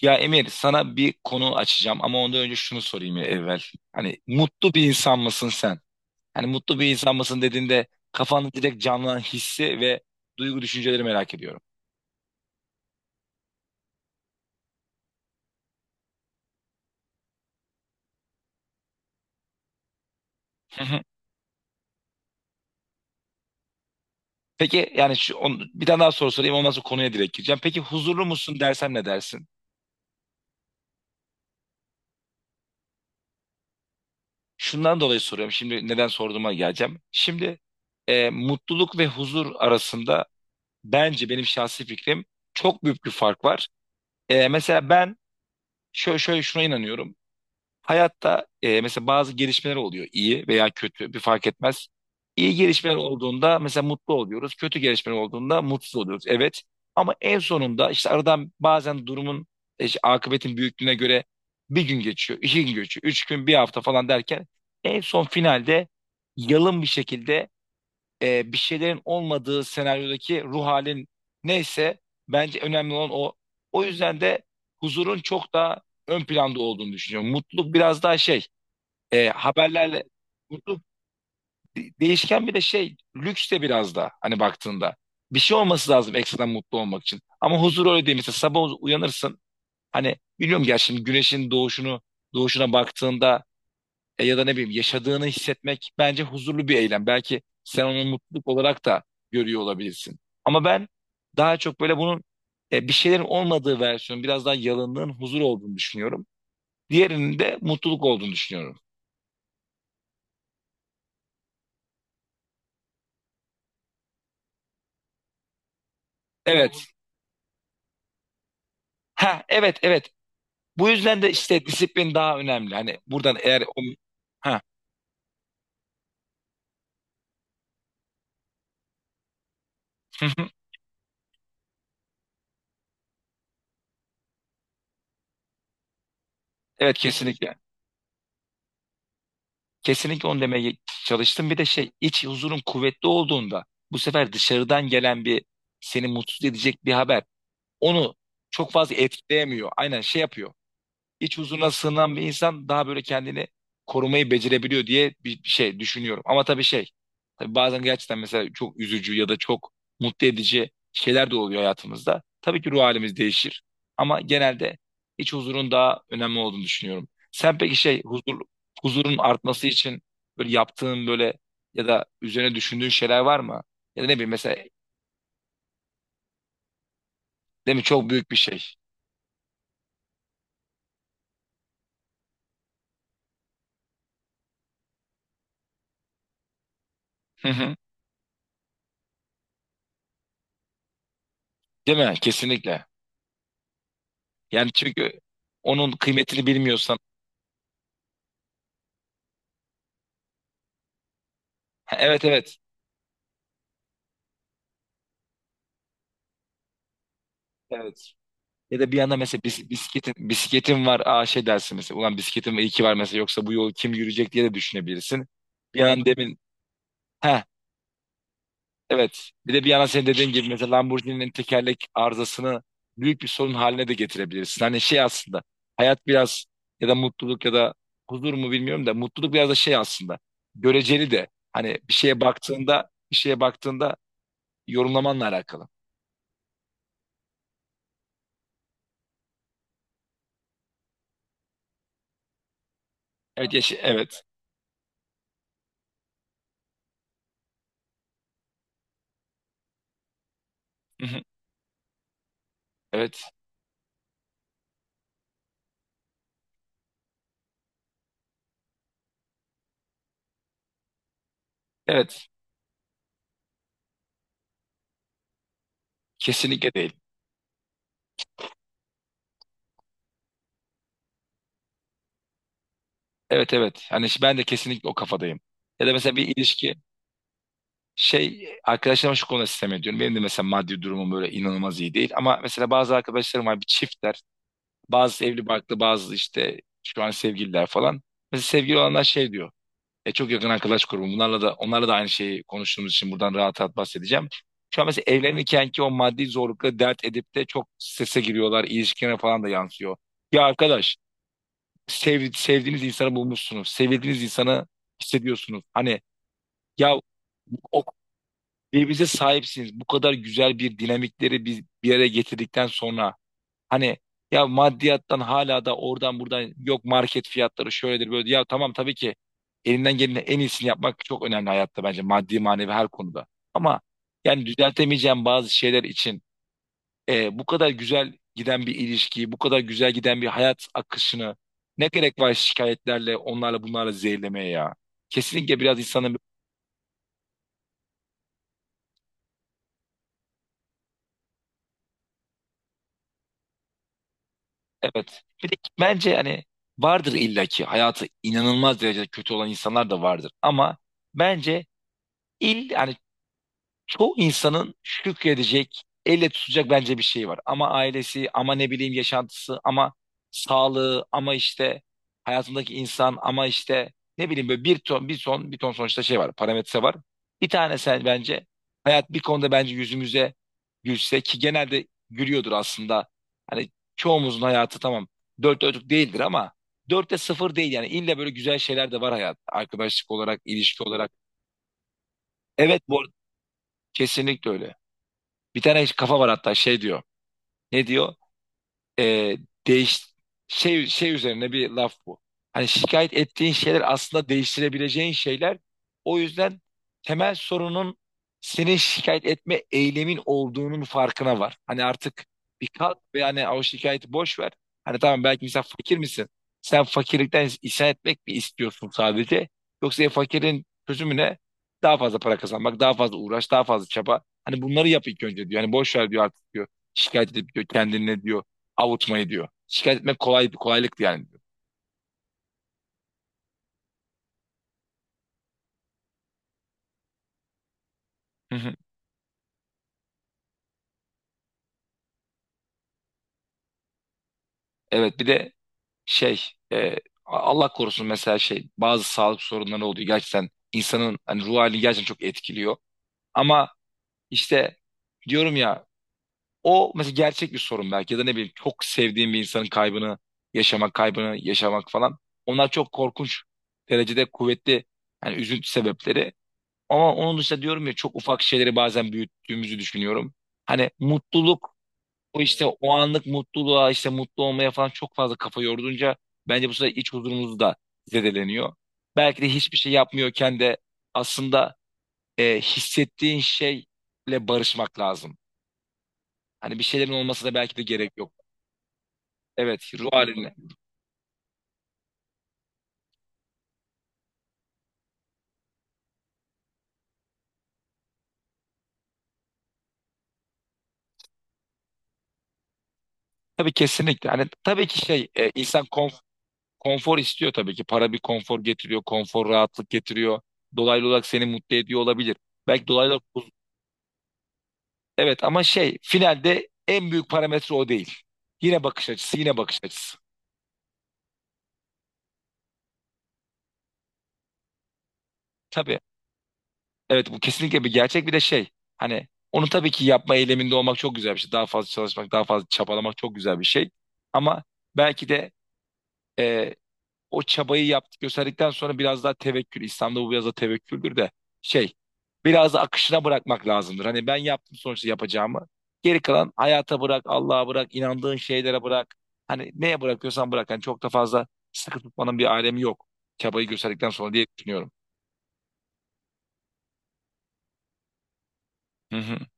Ya Emir, sana bir konu açacağım ama ondan önce şunu sorayım ya evvel. Hani mutlu bir insan mısın sen? Hani mutlu bir insan mısın dediğinde kafanda direkt canlanan hissi ve duygu düşünceleri merak ediyorum. Hı hı. Peki, yani şu, bir tane daha soru sorayım, ondan sonra konuya direkt gireceğim. Peki huzurlu musun dersem ne dersin? Şundan dolayı soruyorum, şimdi neden sorduğuma geleceğim. Şimdi mutluluk ve huzur arasında, bence benim şahsi fikrim, çok büyük bir fark var. Mesela ben şöyle şuna inanıyorum. Hayatta mesela bazı gelişmeler oluyor, iyi veya kötü bir fark etmez. İyi gelişmeler olduğunda mesela mutlu oluyoruz. Kötü gelişmeler olduğunda mutsuz oluyoruz. Evet, ama en sonunda işte aradan bazen durumun işte akıbetin büyüklüğüne göre bir gün geçiyor, 2 gün geçiyor, 3 gün, bir hafta falan derken en son finalde yalın bir şekilde bir şeylerin olmadığı senaryodaki ruh halin neyse, bence önemli olan o. O yüzden de huzurun çok daha ön planda olduğunu düşünüyorum. Mutluluk biraz daha şey, haberlerle mutluluk değişken, bir de şey, lüks de biraz da, hani baktığında. Bir şey olması lazım ekstradan mutlu olmak için. Ama huzur öyle değil. Mesela sabah uyanırsın, hani biliyorum gerçi, şimdi güneşin doğuşuna baktığında ya da ne bileyim, yaşadığını hissetmek bence huzurlu bir eylem. Belki sen onu mutluluk olarak da görüyor olabilirsin. Ama ben daha çok böyle bunun bir şeylerin olmadığı versiyonu, biraz daha yalınlığın huzur olduğunu düşünüyorum. Diğerinin de mutluluk olduğunu düşünüyorum. Evet. Ha, evet, evet. Bu yüzden de işte disiplin daha önemli. Hani buradan eğer o... Ha. Evet, kesinlikle. Kesinlikle onu demeye çalıştım. Bir de şey, iç huzurun kuvvetli olduğunda, bu sefer dışarıdan gelen bir seni mutsuz edecek bir haber, onu çok fazla etkileyemiyor. Aynen şey yapıyor. İç huzuruna sığınan bir insan daha böyle kendini korumayı becerebiliyor diye bir şey düşünüyorum. Ama tabii şey, tabii bazen gerçekten mesela çok üzücü ya da çok mutlu edici şeyler de oluyor hayatımızda. Tabii ki ruh halimiz değişir, ama genelde iç huzurun daha önemli olduğunu düşünüyorum. Sen peki şey, huzurun artması için böyle yaptığın, böyle ya da üzerine düşündüğün şeyler var mı? Ya da ne bileyim mesela, değil mi, çok büyük bir şey. Hı hı. Değil mi? Kesinlikle. Yani çünkü onun kıymetini bilmiyorsan. Ha, evet, evet. Evet. Ya da bir anda mesela bisikletin var. Aa, şey dersin mesela. Ulan, bisikletim iyi ki var mesela. Yoksa bu yolu kim yürüyecek diye de düşünebilirsin. Bir an demin. Ha, evet. Bir de bir yana, senin dediğin gibi mesela Lamborghini'nin tekerlek arızasını büyük bir sorun haline de getirebilirsin. Hani şey aslında. Hayat biraz, ya da mutluluk ya da huzur mu bilmiyorum da, mutluluk biraz da şey aslında. Göreceli de. Hani bir şeye baktığında, yorumlamanla alakalı. Evet, yeşil, evet. Hı hı. Evet. Evet. Kesinlikle değil. Evet, evet. Hani ben de kesinlikle o kafadayım. Ya da mesela bir ilişki, şey, arkadaşlarıma şu konuda sistem ediyorum. Benim de mesela maddi durumum böyle inanılmaz iyi değil. Ama mesela bazı arkadaşlarım var, bir çiftler. Bazı evli barklı, bazı işte şu an sevgililer falan. Mesela sevgili olanlar şey diyor. Çok yakın arkadaş grubum. Bunlarla da onlarla da aynı şeyi konuştuğumuz için buradan rahat rahat bahsedeceğim. Şu an mesela evlenirken ki o maddi zorlukla dert edip de çok strese giriyorlar. İlişkilerine falan da yansıyor. Ya arkadaş, sevdiğiniz insanı bulmuşsunuz. Sevildiğiniz insanı hissediyorsunuz. Hani ya, o birbirinize sahipsiniz. Bu kadar güzel bir dinamikleri biz bir araya getirdikten sonra, hani ya, maddiyattan hala da oradan buradan, yok market fiyatları şöyledir böyle. Ya tamam, tabii ki elinden gelenin en iyisini yapmak çok önemli hayatta, bence maddi manevi her konuda. Ama yani düzeltemeyeceğim bazı şeyler için bu kadar güzel giden bir ilişkiyi, bu kadar güzel giden bir hayat akışını ne gerek var şikayetlerle, onlarla bunlarla zehirlemeye ya? Kesinlikle biraz insanın, evet. Bir de bence hani vardır illaki hayatı inanılmaz derecede kötü olan insanlar da vardır, ama bence yani çoğu insanın şükredecek, elle tutacak bence bir şey var. Ama ailesi, ama ne bileyim yaşantısı, ama sağlığı, ama işte hayatındaki insan, ama işte ne bileyim, böyle bir ton, bir ton, bir ton, sonuçta şey var, parametre var. Bir tane sen, bence hayat bir konuda bence yüzümüze gülse, ki genelde gülüyordur aslında. Hani çoğumuzun hayatı tamam dört dörtlük değildir, ama dörtte sıfır değil yani, illa böyle güzel şeyler de var, hayat arkadaşlık olarak, ilişki olarak. Evet, bu arada kesinlikle öyle. Bir tane kafa var, hatta şey diyor. Ne diyor? E, değiş şey şey üzerine bir laf bu. Hani şikayet ettiğin şeyler aslında değiştirebileceğin şeyler. O yüzden temel sorunun, senin şikayet etme eylemin olduğunun farkına var. Hani artık bir kalk ve hani o şikayeti boş ver. Hani tamam belki mesela, fakir misin? Sen fakirlikten isyan etmek mi istiyorsun sadece? Yoksa fakirin çözümü ne? Daha fazla para kazanmak, daha fazla uğraş, daha fazla çaba. Hani bunları yap ilk önce diyor. Hani boş ver diyor artık diyor. Şikayet edip diyor, kendine diyor avutmayı diyor. Şikayet etmek kolay, kolaylıktı yani diyor. Hı hı. Evet, bir de şey, e, Allah korusun, mesela şey bazı sağlık sorunları oluyor. Gerçekten insanın hani ruh halini gerçekten çok etkiliyor. Ama işte diyorum ya, o mesela gerçek bir sorun belki, ya da ne bileyim çok sevdiğim bir insanın kaybını yaşamak falan. Onlar çok korkunç derecede kuvvetli hani üzüntü sebepleri. Ama onun dışında diyorum ya, çok ufak şeyleri bazen büyüttüğümüzü düşünüyorum. Hani mutluluk O işte, o anlık mutluluğa işte mutlu olmaya falan çok fazla kafa yorduğunca bence bu sefer iç huzurumuz da zedeleniyor. Belki de hiçbir şey yapmıyorken de aslında hissettiğin şeyle barışmak lazım. Hani bir şeylerin olması da belki de gerek yok. Evet, ruh haline. Tabii, kesinlikle. Hani tabii ki şey, insan konfor istiyor tabii ki. Para bir konfor getiriyor, konfor rahatlık getiriyor. Dolaylı olarak seni mutlu ediyor olabilir. Belki dolaylı olarak... Evet, ama şey finalde en büyük parametre o değil. Yine bakış açısı, yine bakış açısı. Tabii. Evet, bu kesinlikle bir gerçek, bir de şey. Hani onu tabii ki yapma eyleminde olmak çok güzel bir şey. Daha fazla çalışmak, daha fazla çabalamak çok güzel bir şey. Ama belki de o çabayı yaptık gösterdikten sonra biraz daha tevekkül. İslam'da bu biraz da tevekküldür de şey, biraz da akışına bırakmak lazımdır. Hani ben yaptım sonuçta yapacağımı. Geri kalan hayata bırak, Allah'a bırak, inandığın şeylere bırak. Hani neye bırakıyorsan bırak. Hani çok da fazla sıkı tutmanın bir alemi yok. Çabayı gösterdikten sonra diye düşünüyorum. Hı hı.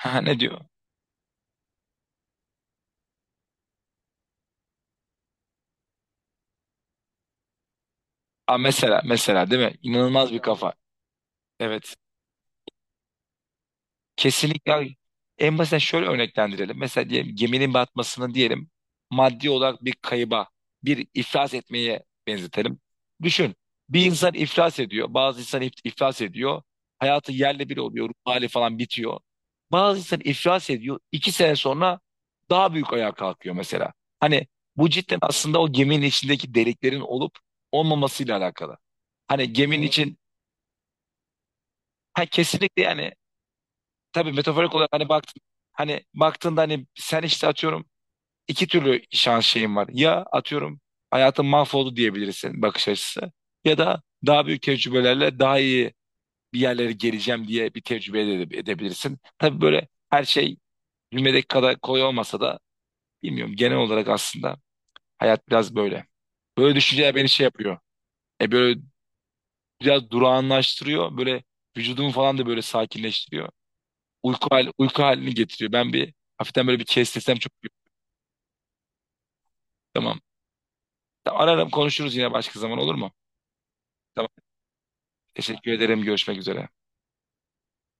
Ha, ne diyor? Aa, mesela mesela, değil mi? İnanılmaz bir kafa. Evet. Kesinlikle abi. En basit şöyle örneklendirelim. Mesela diyelim geminin batmasını, diyelim maddi olarak bir kayıba, bir iflas etmeye benzetelim. Düşün, bir insan iflas ediyor, bazı insan iflas ediyor. Hayatı yerle bir oluyor, ruh hali falan bitiyor. Bazı insan iflas ediyor, 2 sene sonra daha büyük ayağa kalkıyor mesela. Hani bu cidden aslında o geminin içindeki deliklerin olup olmamasıyla alakalı. Hani geminin için, ha, kesinlikle yani, tabii metaforik olarak hani baktın, hani baktığında hani sen işte atıyorum iki türlü şans şeyin var. Ya atıyorum hayatın mahvoldu diyebilirsin, bakış açısı, ya da daha büyük tecrübelerle daha iyi bir yerlere geleceğim diye bir tecrübe edebilirsin. Tabii böyle her şey cümledeki kadar kolay olmasa da, bilmiyorum, genel olarak aslında hayat biraz böyle. Böyle düşünceler beni şey yapıyor. Böyle biraz durağanlaştırıyor. Böyle vücudumu falan da böyle sakinleştiriyor. Uyku halini getiriyor. Ben bir hafiften böyle bir kestesem çok iyi. Tamam. Tamam, ararım konuşuruz yine başka zaman, olur mu? Tamam. Teşekkür ederim. Görüşmek üzere.